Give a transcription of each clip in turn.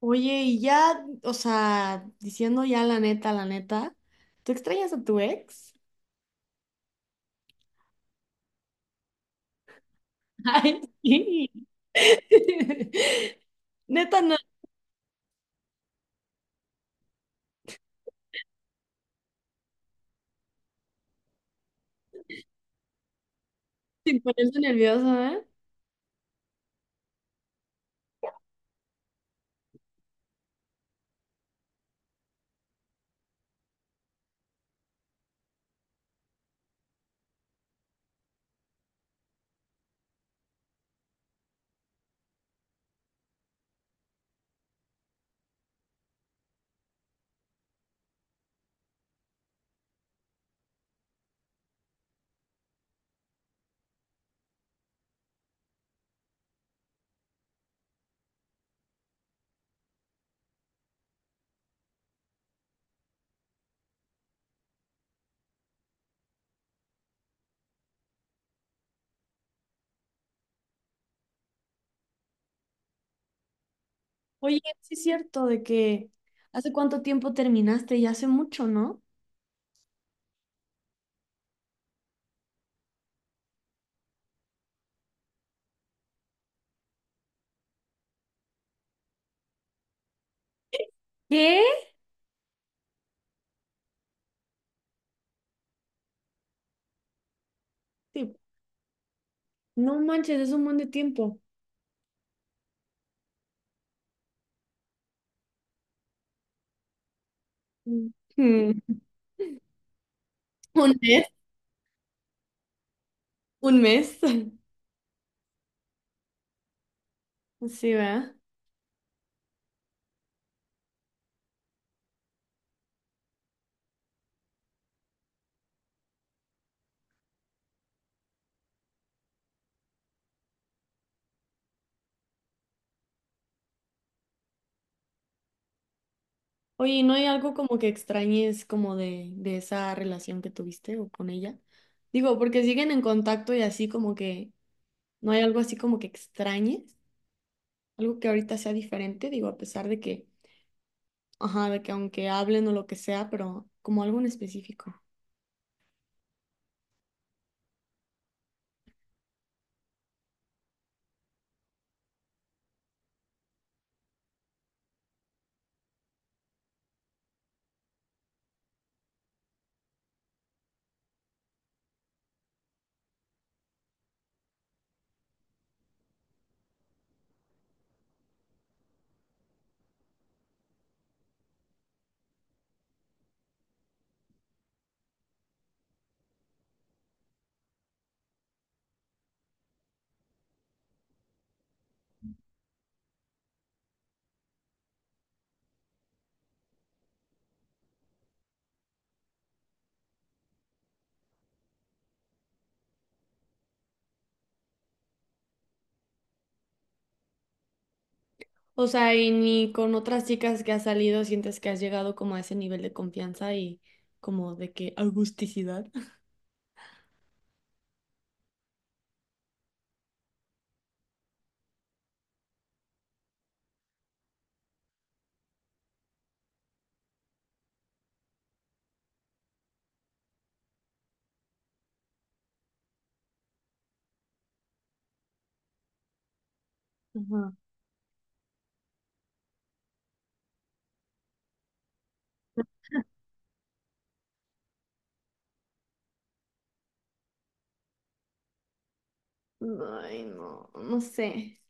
Oye, y ya, o sea, diciendo ya la neta, ¿tú extrañas a tu ex? Ay, sí. Neta, no, sin ponerse nerviosa, ¿eh? Oye, sí es cierto de que hace cuánto tiempo terminaste, ya hace mucho, ¿no? ¿Qué? Sí. No manches, es un buen de tiempo. Mm. Mm. Un mes. Un mes. Sí, ¿verdad? Oye, ¿no hay algo como que extrañes como de esa relación que tuviste o con ella? Digo, porque siguen en contacto y así como que no hay algo así como que extrañes, algo que ahorita sea diferente, digo, a pesar de que, ajá, de que aunque hablen o lo que sea, pero como algo en específico. O sea, y ni con otras chicas que has salido sientes que has llegado como a ese nivel de confianza y como de que augusticidad. Ajá. Ay, no, no sé.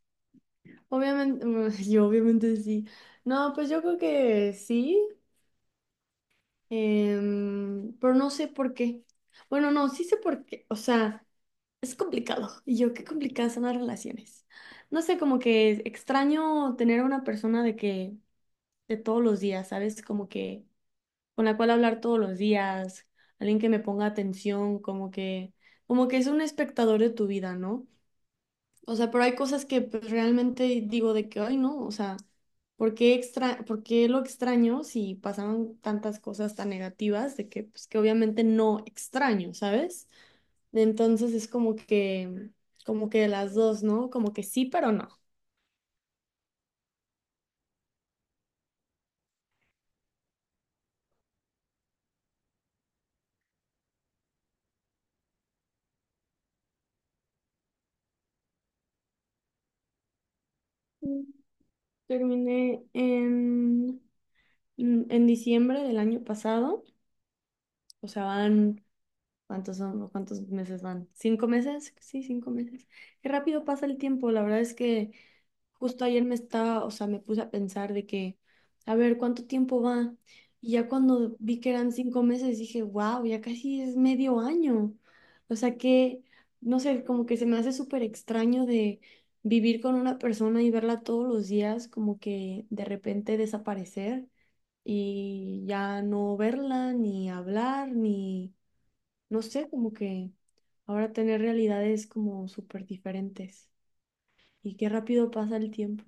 Obviamente, yo obviamente sí. No, pues yo creo que sí, pero no sé por qué. Bueno, no, sí sé por qué. O sea, es complicado. Y yo, qué complicadas son las relaciones. No sé, como que es extraño tener a una persona de que, de todos los días, ¿sabes? Como que con la cual hablar todos los días, alguien que me ponga atención, como que es un espectador de tu vida, ¿no? O sea, pero hay cosas que pues realmente digo de que, ay, no, o sea, ¿por qué lo extraño si pasaban tantas cosas tan negativas de que, pues, que obviamente no extraño, ¿sabes? Entonces es como que las dos, ¿no? Como que sí, pero no. Mm, terminé en, en diciembre del año pasado, o sea, van, ¿cuántos son? ¿Cuántos meses van? ¿Cinco meses? Sí, cinco meses. Qué rápido pasa el tiempo, la verdad es que... Justo ayer me estaba, o sea, me puse a pensar de que, a ver, ¿cuánto tiempo va? Y ya cuando vi que eran cinco meses, dije, wow, ya casi es medio año. O sea que, no sé, como que se me hace súper extraño de vivir con una persona y verla todos los días, como que de repente desaparecer y ya no verla, ni hablar, ni, no sé, como que ahora tener realidades como súper diferentes. Y qué rápido pasa el tiempo.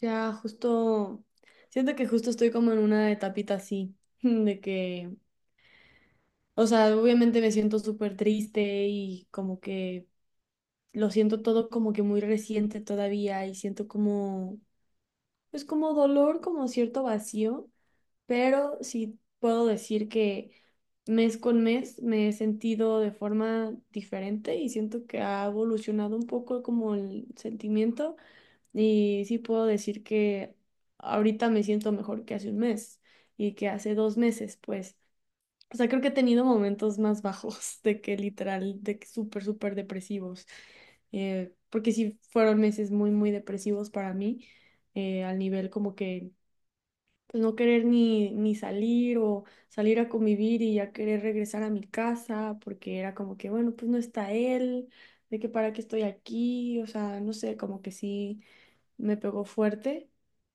Ya, justo, siento que justo estoy como en una etapita así, de que, o sea, obviamente me siento súper triste y como que lo siento todo como que muy reciente todavía y siento como, pues como dolor, como cierto vacío, pero sí puedo decir que mes con mes me he sentido de forma diferente y siento que ha evolucionado un poco como el sentimiento. Y sí puedo decir que ahorita me siento mejor que hace un mes y que hace dos meses, pues. O sea, creo que he tenido momentos más bajos de que literal, de que súper, súper depresivos. Porque sí fueron meses muy, muy depresivos para mí, al nivel como que pues, no querer ni salir o salir a convivir y ya querer regresar a mi casa, porque era como que, bueno, pues no está él, de que para qué estoy aquí, o sea, no sé, como que sí me pegó fuerte,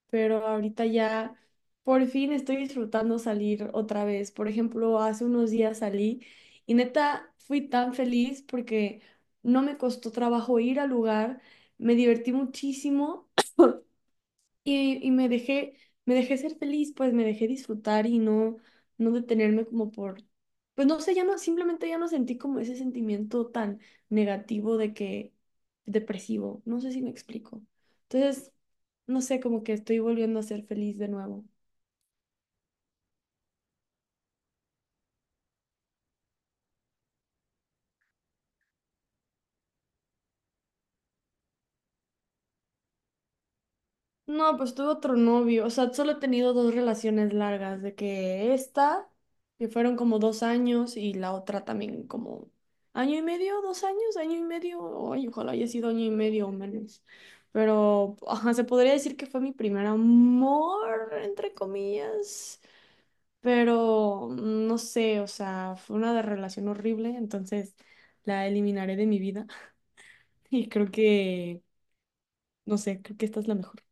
pero ahorita ya por fin estoy disfrutando salir otra vez. Por ejemplo, hace unos días salí y neta fui tan feliz porque no me costó trabajo ir al lugar, me divertí muchísimo. Y me dejé ser feliz, pues me dejé disfrutar y no, no detenerme como por, pues no sé, ya no, simplemente ya no sentí como ese sentimiento tan negativo de que, depresivo, no sé si me explico. Entonces, no sé, como que estoy volviendo a ser feliz de nuevo. No, pues tuve otro novio, o sea, solo he tenido dos relaciones largas, de que esta, que fueron como dos años, y la otra también como año y medio, dos años, año y medio, ay, ojalá haya sido año y medio o menos. Pero, ajá, se podría decir que fue mi primer amor, entre comillas, pero no sé, o sea, relación horrible, entonces la eliminaré de mi vida y creo que, no sé, creo que esta es la mejor.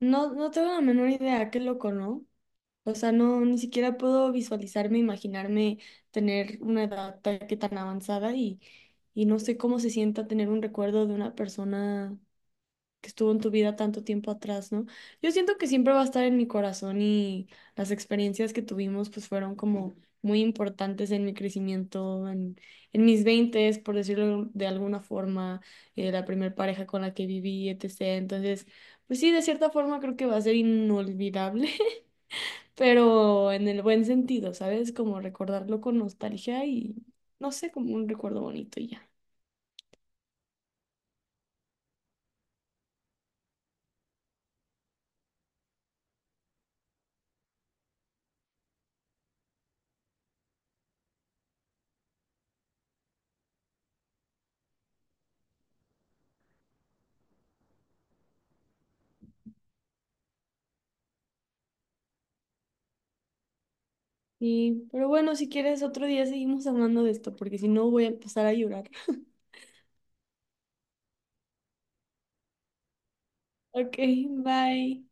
No, no tengo la menor idea, qué loco, ¿no? O sea, no, ni siquiera puedo visualizarme, imaginarme tener que tan avanzada y no sé cómo se sienta tener un recuerdo de una persona que estuvo en tu vida tanto tiempo atrás, ¿no? Yo siento que siempre va a estar en mi corazón y las experiencias que tuvimos pues fueron como muy importantes en mi crecimiento, en mis veintes, por decirlo de alguna forma, la primer pareja con la que viví, etcétera. Entonces, pues sí, de cierta forma creo que va a ser inolvidable, pero en el buen sentido, ¿sabes? Como recordarlo con nostalgia y no sé, como un recuerdo bonito y ya. Sí, pero bueno, si quieres otro día seguimos hablando de esto, porque si no voy a empezar a llorar. Ok, bye.